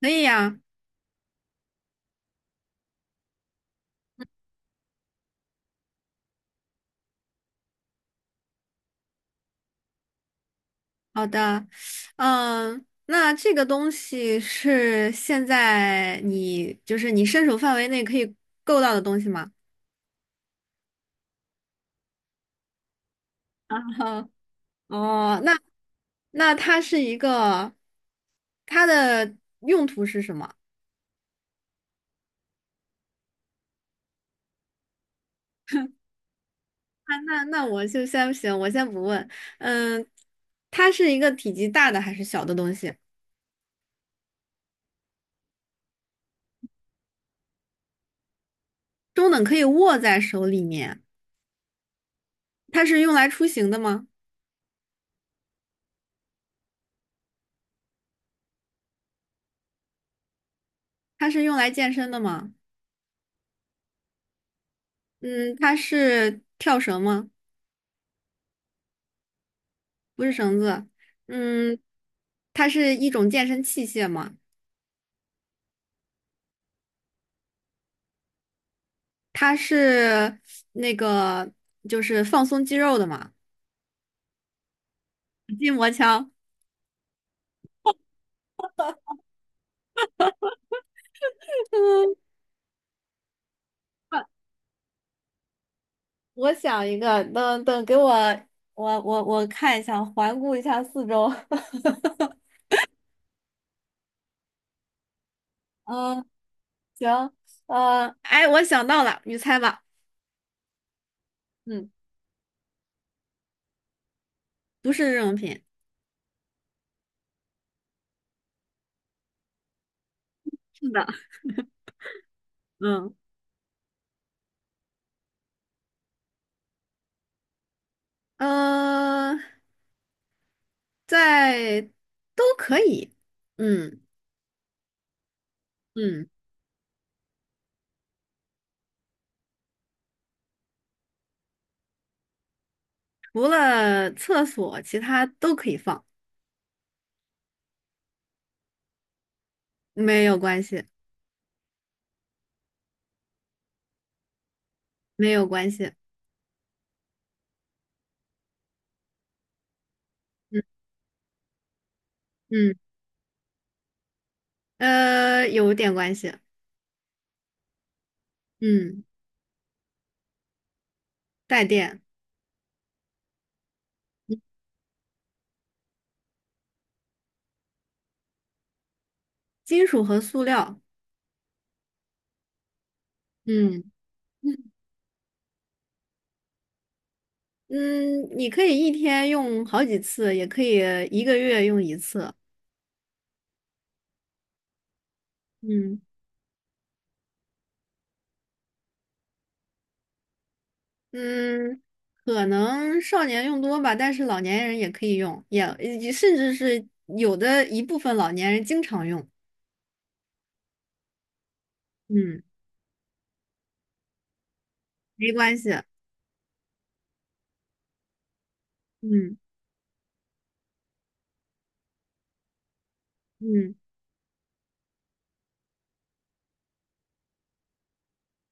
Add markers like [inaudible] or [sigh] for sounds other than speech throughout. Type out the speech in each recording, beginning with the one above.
可以呀。好的。那这个东西是现在你就是你伸手范围内可以够到的东西吗？啊 [laughs] 哈。哦，那它是一个，它的用途是什么？那我就先行，我先不问。嗯，它是一个体积大的还是小的东西？中等可以握在手里面。它是用来出行的吗？它是用来健身的吗？嗯，它是跳绳吗？不是绳子。嗯，它是一种健身器械嘛，它是那个放松肌肉的嘛。筋膜枪。[laughs] 嗯。我想一个，等等，给我，我看一下，环顾一下四周。[laughs] 嗯。行。我想到了，你猜吧。嗯。不是日用品。是的。嗯。呃，在都可以。嗯嗯。除了厕所，其他都可以放。没有关系。没有关系。嗯嗯，有点关系。嗯。带电。嗯金属和塑料。嗯嗯，你可以一天用好几次，也可以一个月用一次。嗯嗯，可能少年用多吧，但是老年人也可以用，也甚至是有的一部分老年人经常用。嗯。没关系。嗯嗯。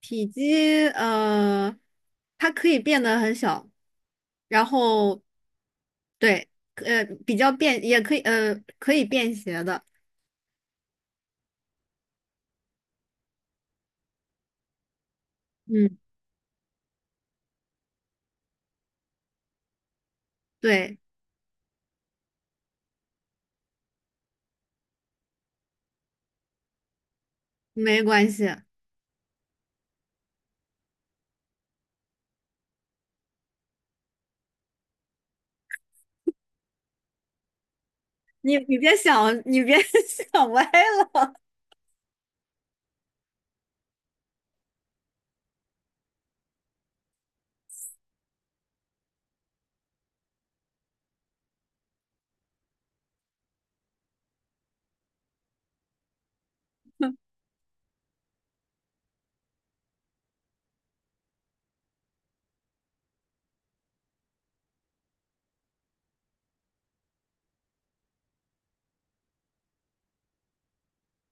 体积，它可以变得很小，然后，对，比较便，也可以，可以便携的。嗯。对。没关系。你别想，你别 [laughs] 想歪了。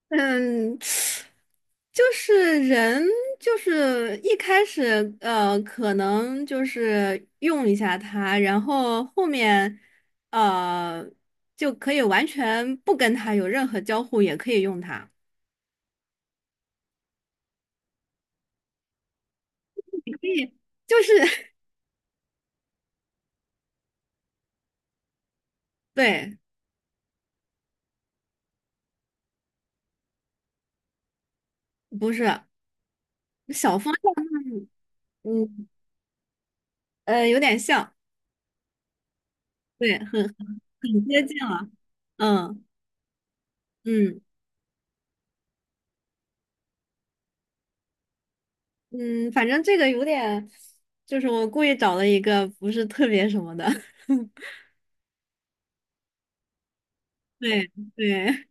嗯。就是人，就是一开始，可能就是用一下它，然后后面，呃，就可以完全不跟它有任何交互，也可以用它。对，就是 [laughs] 对。不是小峰。嗯有点像。对，很很接近了。嗯嗯。嗯，反正这个有点，就是我故意找了一个不是特别什么的。[laughs] 对。对。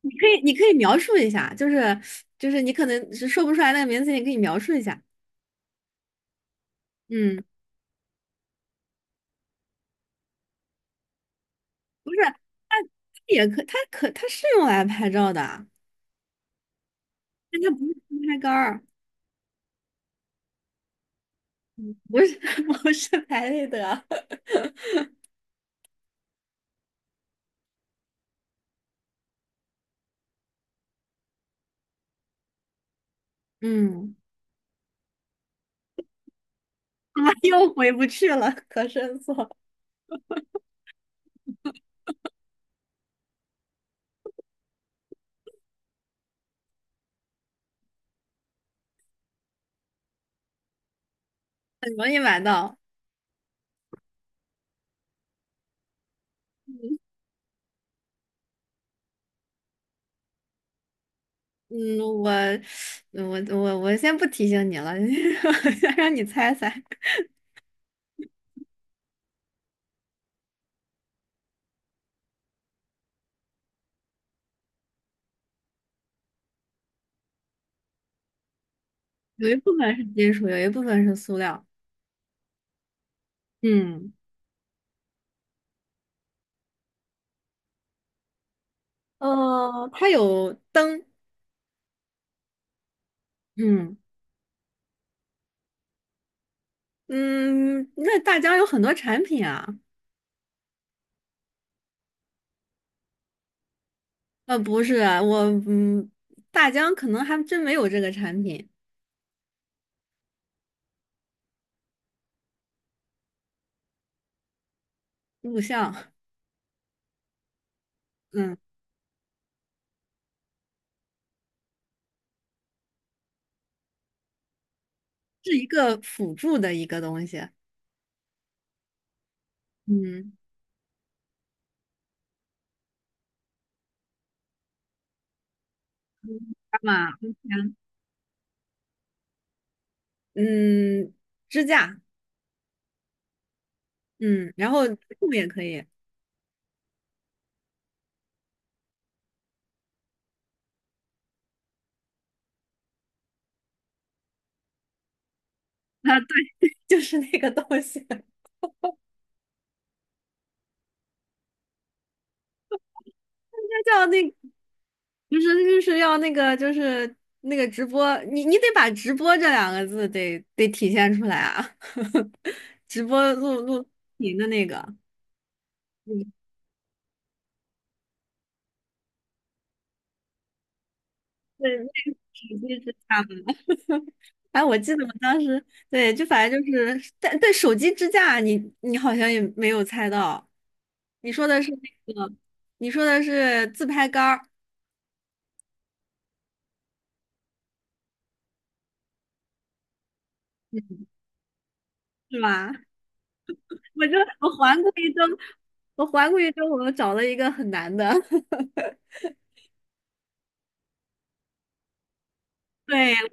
你可以描述一下，就是你可能是说不出来那个名字，你可以描述一下。嗯。不是，它也可它可它是用来拍照的啊但它不是自拍杆儿。不是 [laughs] 不是拍立得。[laughs] 嗯。啊，又回不去了。可申色。很容易买到。嗯，我，我，我先不提醒你了。[laughs] 先让你猜猜。有一部分是金属，有一部分是塑料。嗯，它有灯。嗯嗯。那大疆有很多产品啊。呃，不是，我嗯，大疆可能还真没有这个产品。录像。嗯。是一个辅助的一个东西。嗯。干嘛 [laughs]。嗯。支架。嗯，然后动物也可以啊。对，就是那个东西。[laughs] 那叫那，不是，就是要那个，就是那个直播，你得把直播这两个字得体现出来啊。[laughs] 直播录屏的那个。嗯对，那个手机支架嘛。[laughs] 哎，我记得我当时，对，就反正就是，但对手机支架你，你好像也没有猜到。你说的是那个，你说的是自拍杆儿是吧？我就我环顾一周，我找了一个很难的。[laughs] 对。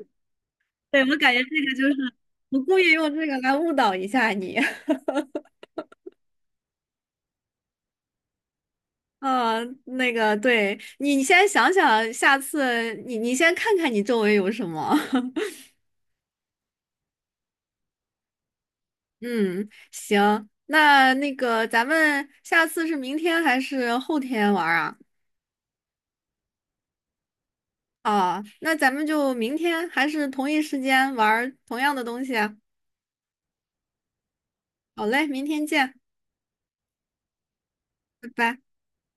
对，我感觉这个就是我故意用这个来误导一下你。[laughs] 嗯，那个，对你，你先想想，下次你先看看你周围有什么。[laughs] 嗯，行，那那个咱们下次是明天还是后天玩儿啊？哦，那咱们就明天还是同一时间玩儿同样的东西啊。好嘞，明天见，拜拜。